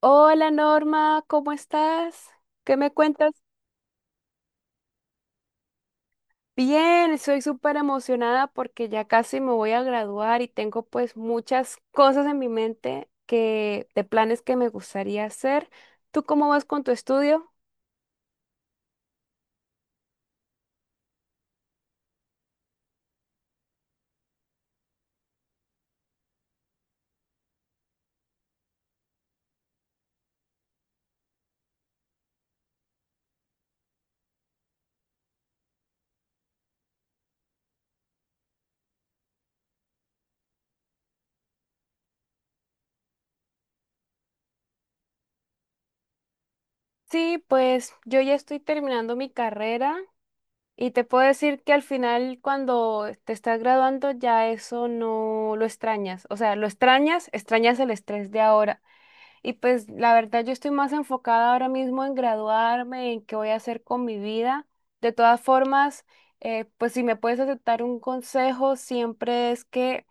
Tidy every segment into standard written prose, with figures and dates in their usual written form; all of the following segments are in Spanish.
Hola Norma, ¿cómo estás? ¿Qué me cuentas? Bien, estoy súper emocionada porque ya casi me voy a graduar y tengo pues muchas cosas en mi mente que de planes que me gustaría hacer. ¿Tú cómo vas con tu estudio? Sí, pues yo ya estoy terminando mi carrera y te puedo decir que al final cuando te estás graduando ya eso no lo extrañas. O sea, lo extrañas, extrañas el estrés de ahora. Y pues la verdad yo estoy más enfocada ahora mismo en graduarme, en qué voy a hacer con mi vida. De todas formas, pues si me puedes aceptar un consejo, siempre es que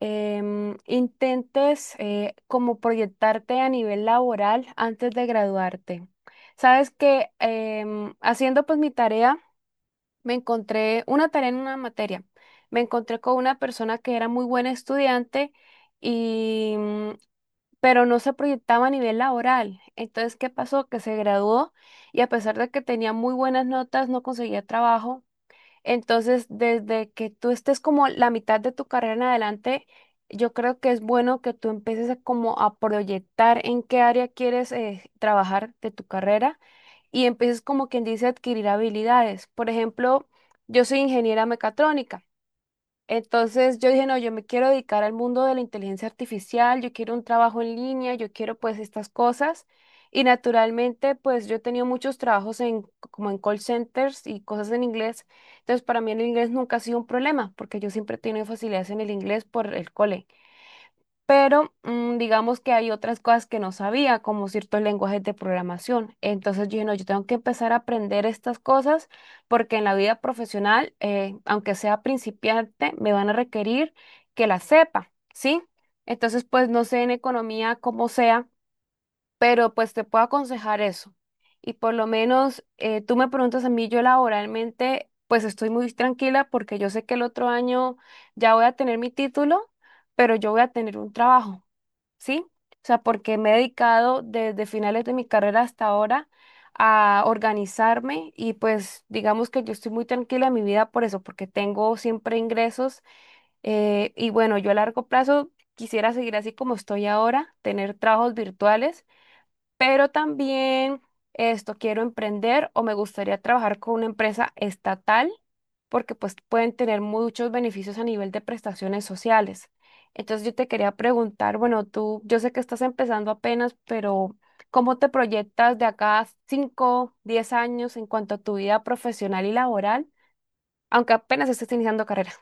intentes como proyectarte a nivel laboral antes de graduarte. Sabes que haciendo pues mi tarea, me encontré una tarea en una materia. Me encontré con una persona que era muy buena estudiante. Y pero no se proyectaba a nivel laboral. Entonces, ¿qué pasó? Que se graduó y a pesar de que tenía muy buenas notas, no conseguía trabajo. Entonces, desde que tú estés como la mitad de tu carrera en adelante, yo creo que es bueno que tú empieces a como a proyectar en qué área quieres trabajar de tu carrera y empieces como quien dice a adquirir habilidades. Por ejemplo, yo soy ingeniera mecatrónica. Entonces yo dije, no, yo me quiero dedicar al mundo de la inteligencia artificial, yo quiero un trabajo en línea, yo quiero pues estas cosas. Y naturalmente pues yo he tenido muchos trabajos como en call centers y cosas en inglés. Entonces para mí el inglés nunca ha sido un problema porque yo siempre he tenido facilidades en el inglés por el cole pero digamos que hay otras cosas que no sabía, como ciertos lenguajes de programación. Entonces yo dije, no, yo tengo que empezar a aprender estas cosas porque en la vida profesional, aunque sea principiante, me van a requerir que las sepa, ¿sí? Entonces, pues no sé en economía cómo sea, pero pues te puedo aconsejar eso. Y por lo menos tú me preguntas a mí, yo laboralmente, pues estoy muy tranquila porque yo sé que el otro año ya voy a tener mi título, pero yo voy a tener un trabajo. ¿Sí? O sea, porque me he dedicado desde finales de mi carrera hasta ahora a organizarme y pues digamos que yo estoy muy tranquila en mi vida por eso, porque tengo siempre ingresos y bueno, yo a largo plazo quisiera seguir así como estoy ahora, tener trabajos virtuales pero también esto quiero emprender o me gustaría trabajar con una empresa estatal porque pues pueden tener muchos beneficios a nivel de prestaciones sociales. Entonces yo te quería preguntar, bueno, tú, yo sé que estás empezando apenas, pero ¿cómo te proyectas de acá a 5, 10 años en cuanto a tu vida profesional y laboral, aunque apenas estés iniciando carrera?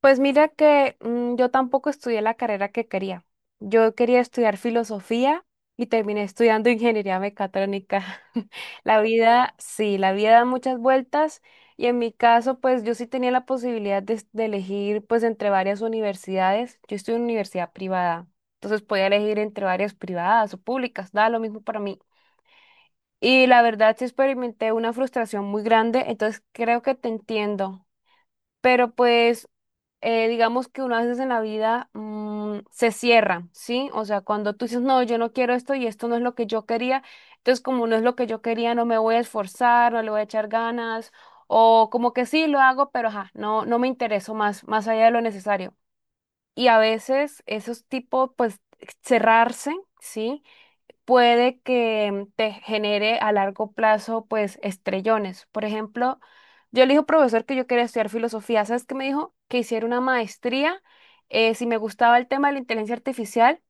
Pues mira que yo tampoco estudié la carrera que quería. Yo quería estudiar filosofía y terminé estudiando ingeniería mecatrónica. La vida, sí, la vida da muchas vueltas y en mi caso, pues yo sí tenía la posibilidad de elegir pues entre varias universidades. Yo estudié en una universidad privada, entonces podía elegir entre varias privadas o públicas, da lo mismo para mí. Y la verdad sí experimenté una frustración muy grande, entonces creo que te entiendo pero pues digamos que unas veces en la vida se cierra, ¿sí? O sea, cuando tú dices, no, yo no quiero esto y esto no es lo que yo quería, entonces como no es lo que yo quería, no me voy a esforzar, no le voy a echar ganas, o como que sí lo hago, pero ajá, no, no me intereso más allá de lo necesario. Y a veces esos tipos, pues cerrarse, ¿sí? Puede que te genere a largo plazo, pues, estrellones. Por ejemplo, yo le dije al profesor que yo quería estudiar filosofía. ¿Sabes qué me dijo? Que hiciera una maestría, si me gustaba el tema de la inteligencia artificial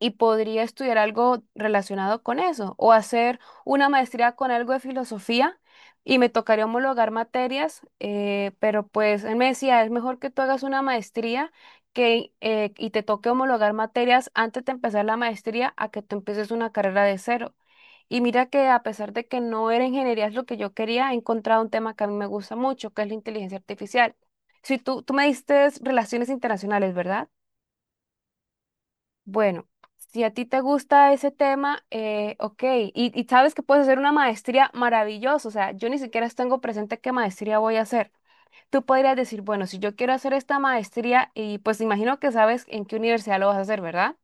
y podría estudiar algo relacionado con eso o hacer una maestría con algo de filosofía y me tocaría homologar materias, pero pues él me decía, es mejor que tú hagas una maestría que, y te toque homologar materias antes de empezar la maestría a que tú empieces una carrera de cero. Y mira que a pesar de que no era ingeniería es lo que yo quería, he encontrado un tema que a mí me gusta mucho, que es la inteligencia artificial. Si tú me diste relaciones internacionales, ¿verdad? Bueno, si a ti te gusta ese tema, ok, y sabes que puedes hacer una maestría maravillosa, o sea, yo ni siquiera tengo presente qué maestría voy a hacer. Tú podrías decir, bueno, si yo quiero hacer esta maestría, y pues imagino que sabes en qué universidad lo vas a hacer, ¿verdad?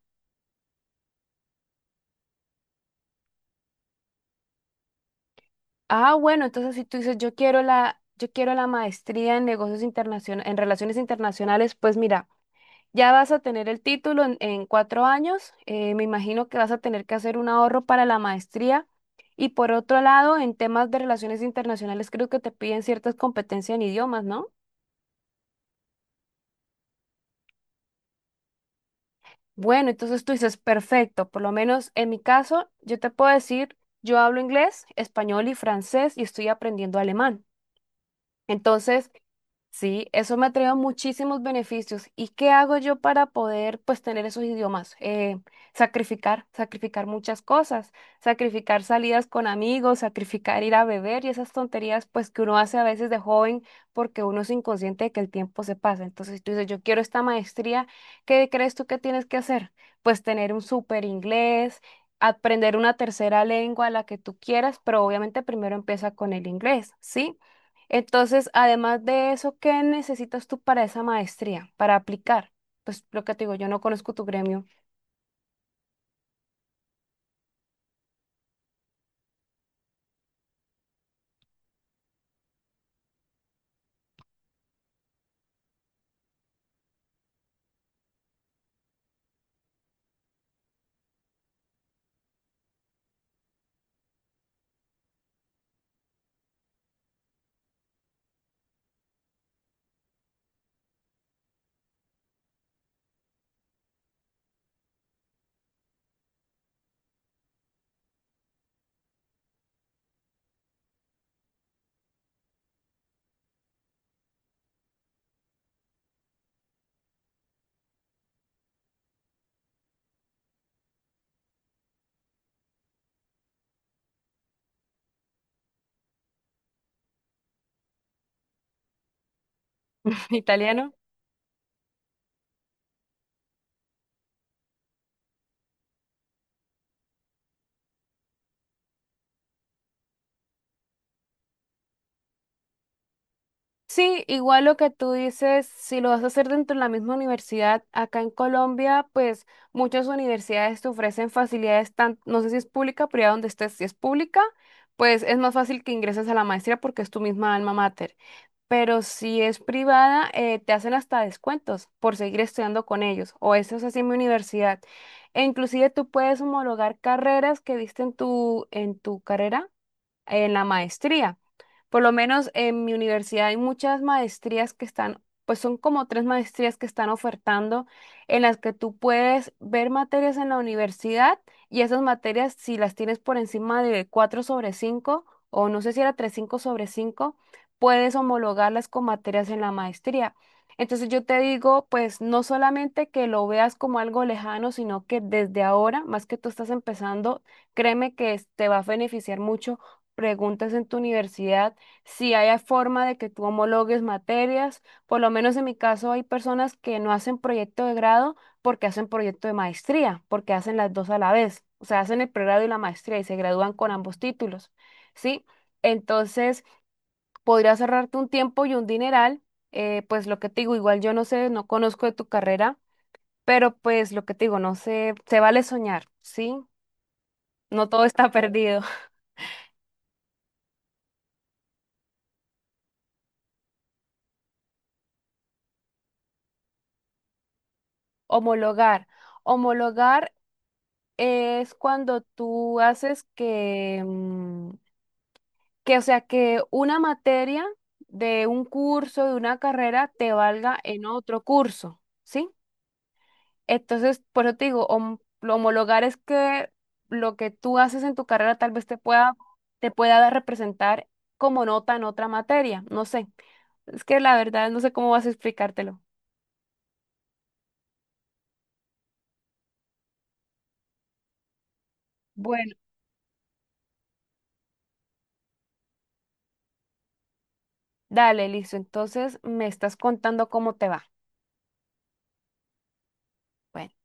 Ah, bueno, entonces si tú dices, yo quiero la maestría en negocios internacionales, en relaciones internacionales, pues mira. Ya vas a tener el título en 4 años. Me imagino que vas a tener que hacer un ahorro para la maestría. Y por otro lado, en temas de relaciones internacionales, creo que te piden ciertas competencias en idiomas, ¿no? Bueno, entonces tú dices, perfecto. Por lo menos en mi caso, yo te puedo decir, yo hablo inglés, español y francés y estoy aprendiendo alemán. Entonces, sí, eso me ha traído muchísimos beneficios. ¿Y qué hago yo para poder, pues, tener esos idiomas? Sacrificar, sacrificar muchas cosas, sacrificar salidas con amigos, sacrificar ir a beber y esas tonterías, pues, que uno hace a veces de joven porque uno es inconsciente de que el tiempo se pasa. Entonces tú dices, yo quiero esta maestría, ¿qué crees tú que tienes que hacer? Pues tener un súper inglés. Aprender una tercera lengua, la que tú quieras, pero obviamente primero empieza con el inglés, ¿sí? Entonces, además de eso, ¿qué necesitas tú para esa maestría, para aplicar? Pues lo que te digo, yo no conozco tu gremio. Italiano. Sí, igual lo que tú dices, si lo vas a hacer dentro de la misma universidad, acá en Colombia, pues muchas universidades te ofrecen facilidades, tan, no sé si es pública, pero ya donde estés, si es pública, pues es más fácil que ingreses a la maestría porque es tu misma alma mater. Pero si es privada, te hacen hasta descuentos por seguir estudiando con ellos. O eso es así en mi universidad. E inclusive tú puedes homologar carreras que diste en tu carrera en la maestría. Por lo menos en mi universidad hay muchas maestrías que están, pues son como tres maestrías que están ofertando en las que tú puedes ver materias en la universidad y esas materias si las tienes por encima de 4 sobre 5 o no sé si era tres punto cinco sobre 5 puedes homologarlas con materias en la maestría. Entonces yo te digo, pues no solamente que lo veas como algo lejano, sino que desde ahora, más que tú estás empezando, créeme que te va a beneficiar mucho preguntas en tu universidad si hay forma de que tú homologues materias. Por lo menos en mi caso hay personas que no hacen proyecto de grado porque hacen proyecto de maestría, porque hacen las dos a la vez. O sea, hacen el pregrado y la maestría y se gradúan con ambos títulos, ¿sí? Entonces, podría ahorrarte un tiempo y un dineral. Pues lo que te digo, igual yo no sé, no conozco de tu carrera, pero pues lo que te digo, no sé, se vale soñar, ¿sí? No todo está perdido. Homologar. Homologar es cuando tú haces que, o sea, que una materia de un curso, de una carrera, te valga en otro curso, ¿sí? Entonces, por eso te digo, lo homologar es que lo que tú haces en tu carrera tal vez te pueda representar como nota en otra materia, no sé. Es que la verdad no sé cómo vas a explicártelo. Bueno, dale, listo. Entonces, me estás contando cómo te va. Bueno.